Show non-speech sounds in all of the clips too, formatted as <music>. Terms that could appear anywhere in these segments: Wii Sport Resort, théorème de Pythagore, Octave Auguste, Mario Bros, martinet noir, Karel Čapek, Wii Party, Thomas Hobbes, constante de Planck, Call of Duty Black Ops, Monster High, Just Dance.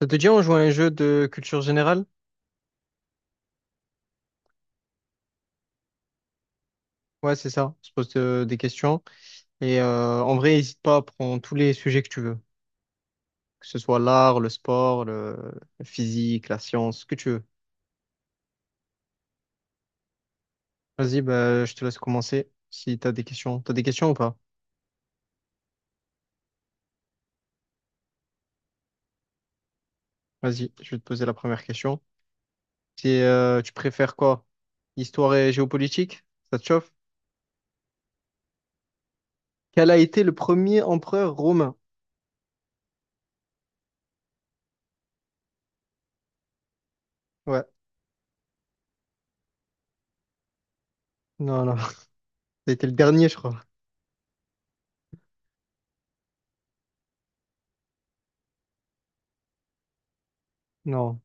Ça te dit, on joue à un jeu de culture générale? Ouais, c'est ça. On se pose des questions. Et en vrai, n'hésite pas à prendre tous les sujets que tu veux. Que ce soit l'art, le sport, le... la physique, la science, ce que tu veux. Vas-y, bah, je te laisse commencer si tu as des questions. Tu as des questions ou pas? Vas-y, je vais te poser la première question. Tu préfères quoi? Histoire et géopolitique? Ça te chauffe? Quel a été le premier empereur romain? Ouais. Non, non. <laughs> Ça a été le dernier, je crois. Non.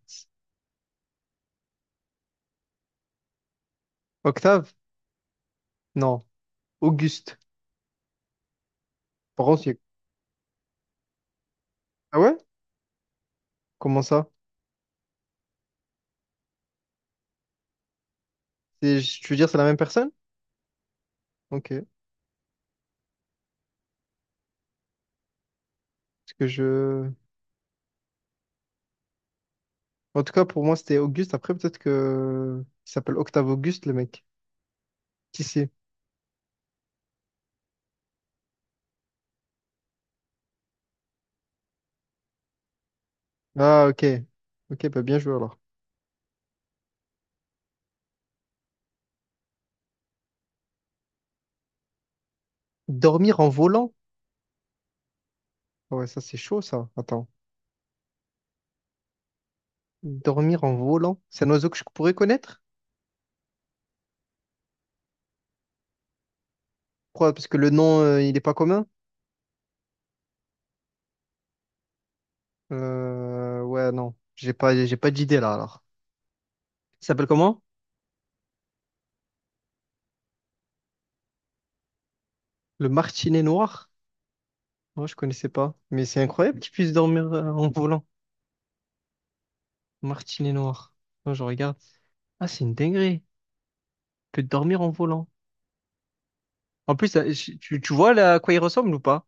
Octave? Non. Auguste. Par contre, il y a- Ah ouais? Comment ça? Tu veux dire c'est la même personne? Ok. Parce que je. En tout cas, pour moi, c'était Auguste. Après, peut-être que. Il s'appelle Octave Auguste, le mec. Qui c'est? Ah, ok. Ok, bah bien joué alors. Dormir en volant? Ah ouais, ça, c'est chaud, ça. Attends. Dormir en volant? C'est un oiseau que je pourrais connaître? Pourquoi? Parce que le nom, il est pas commun? Ouais, non. J'ai pas d'idée là, alors. Il s'appelle comment? Le martinet noir? Moi, je connaissais pas. Mais c'est incroyable qu'il puisse dormir en volant. Martinet noir. Moi, je regarde. Ah, c'est une dinguerie. Tu peux dormir en volant. En plus, tu vois là, à quoi il ressemble ou pas?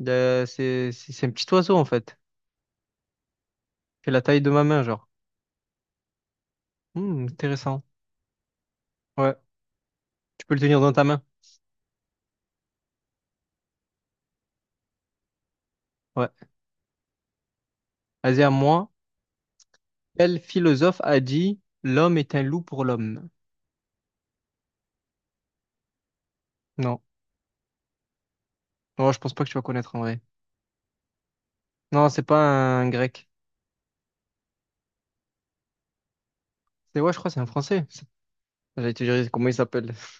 C'est un petit oiseau en fait. Il fait la taille de ma main, genre. Hmm, intéressant. Ouais. Tu peux le tenir dans ta main. Ouais. Vas-y, à moi. Quel philosophe a dit l'homme est un loup pour l'homme? Non. Non, je pense pas que tu vas connaître en vrai. Non, c'est pas un grec. C'est ouais, je crois que c'est un français. C'est- J'allais te dire comment il s'appelle. <laughs>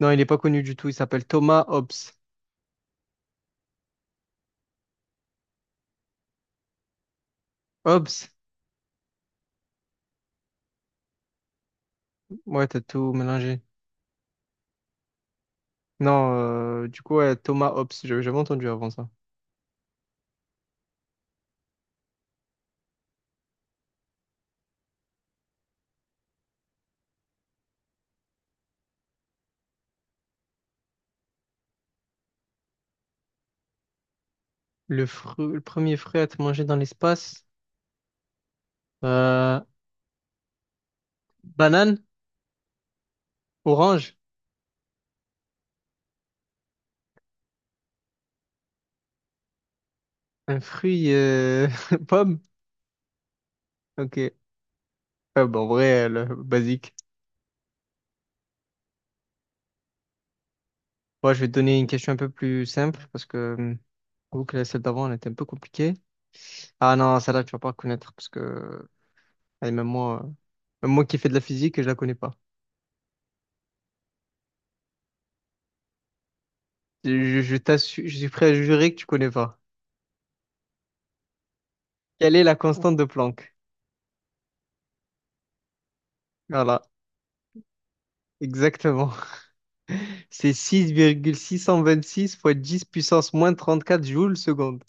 Non, il est pas connu du tout. Il s'appelle Thomas Hobbes. Hobbes? Ouais, t'as tout mélangé. Non, du coup, ouais, Thomas Hobbes, j'avais jamais entendu avant ça. Le premier fruit à être mangé dans l'espace, euh, banane, orange, un fruit, euh, <laughs> pomme. Ok. Ouais, bon, en vrai, le basique. Moi, je vais te donner une question un peu plus simple parce que, j'avoue que la celle d'avant, elle était un peu compliquée. Ah non, celle-là, tu vas pas reconnaître parce que, allez, même moi qui fais de la physique, je la connais pas. Je t'assure, je suis prêt à jurer que tu connais pas. Quelle est la constante de Planck? Voilà, exactement. C'est six virgule six cent vingt-six fois 10 puissance moins 34 joules seconde.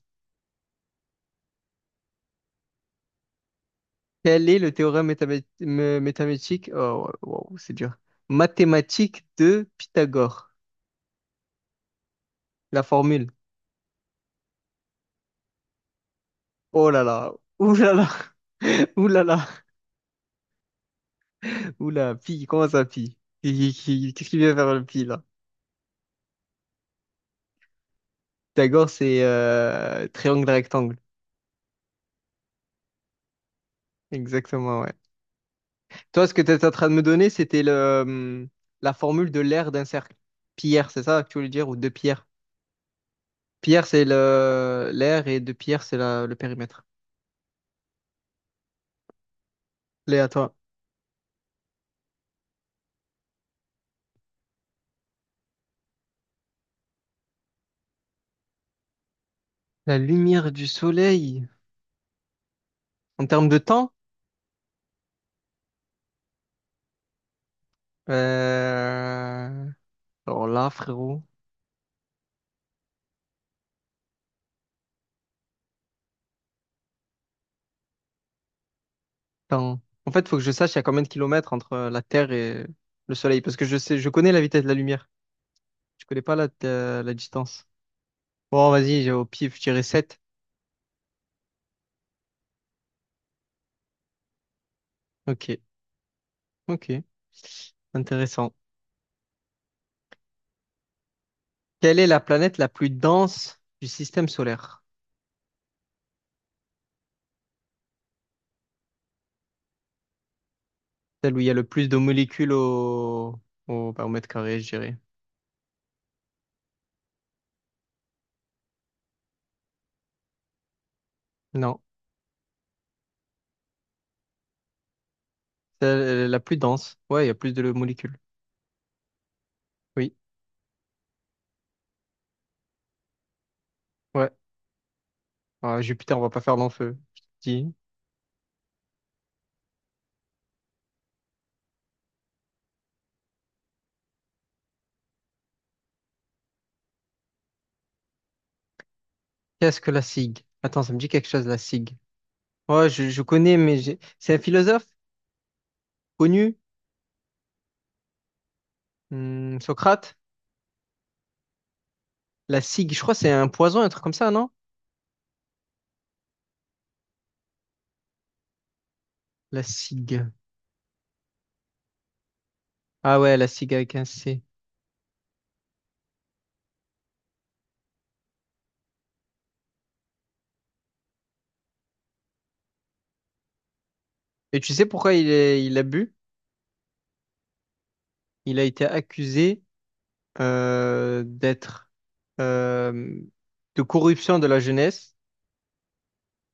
Quel est le théorème métamétique. Oh, wow, wow, c'est dur. Mathématique de Pythagore. La formule. Oh là là. Ouh là là. <laughs> Ouh là là. Ouh là. Pi. Comment ça, pi? Qu'est-ce qu'il vient faire le pi là? Pythagore, c'est triangle rectangle. Exactement, ouais. Toi, ce que tu étais en train de me donner, c'était la formule de l'aire d'un cercle. Pierre, c'est ça que tu voulais dire? Ou de Pierre. Pierre, c'est le l'air et de pierre, le périmètre. Allez, à toi. La lumière du soleil. En termes de temps, euh, alors là, frérot, temps. En fait, faut que je sache il y a combien de kilomètres entre la Terre et le soleil, parce que je sais, je connais la vitesse de la lumière. Je connais pas la, la distance. Bon, vas-y, j'ai au pif, je dirais 7. Ok, ok, intéressant. Quelle est la planète la plus dense du système solaire? Celle où il y a le plus de molécules bah, au mètre carré, je dirais. Non, c'est la plus dense. Ouais, il y a plus de molécules. Oui, ouais. Ah, Jupiter, on va pas faire long feu. Je te dis. Qu'est-ce que la SIG? Attends, ça me dit quelque chose, la SIG. Ouais, je connais, mais j'ai- c'est un philosophe connu. Hmm, Socrate. La SIG, je crois que c'est un poison, un truc comme ça, non? La SIG. Ah ouais, la SIG avec un C. Et tu sais pourquoi il a bu? Il a été accusé d'être euh, de corruption de la jeunesse.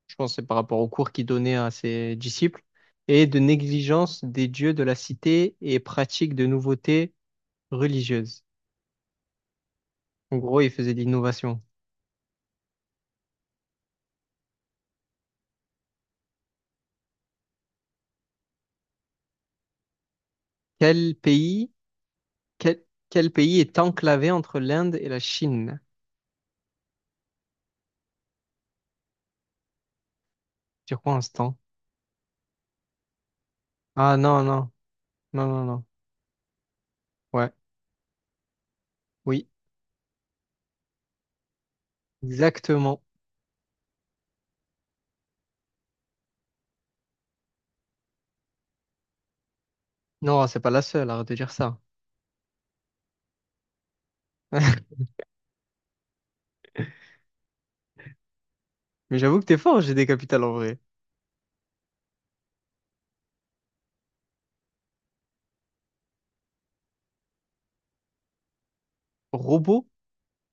Je pense que c'est par rapport aux cours qu'il donnait à ses disciples, et de négligence des dieux de la cité et pratique de nouveautés religieuses. En gros, il faisait de l'innovation. Quel pays, quel, quel pays est enclavé entre l'Inde et la Chine? Sur quoi instant? Ah non, non, non, non, non. Ouais, oui, exactement. Non, c'est pas la seule, arrête de dire ça. <laughs> Mais j'avoue que t'es fort, j'ai des capitales en vrai. Robot?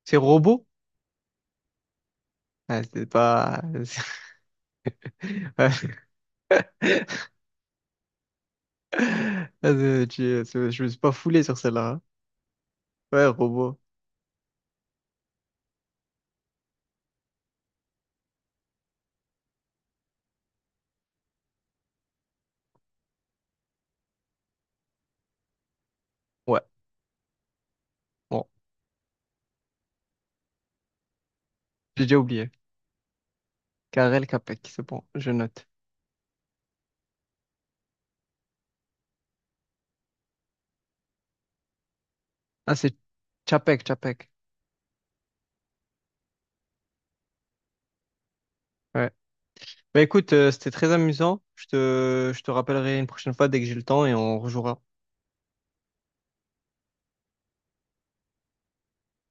C'est robot? Ah, c'est pas... <laughs> Ouais, je me suis pas foulé sur celle-là, hein. Ouais, robot. Ouais, bon, j'ai déjà oublié. Karel Čapek, c'est bon, je note. Ah, c'est Čapek, Čapek. Ouais. Bah écoute, c'était très amusant. Je te rappellerai une prochaine fois dès que j'ai le temps et on rejouera.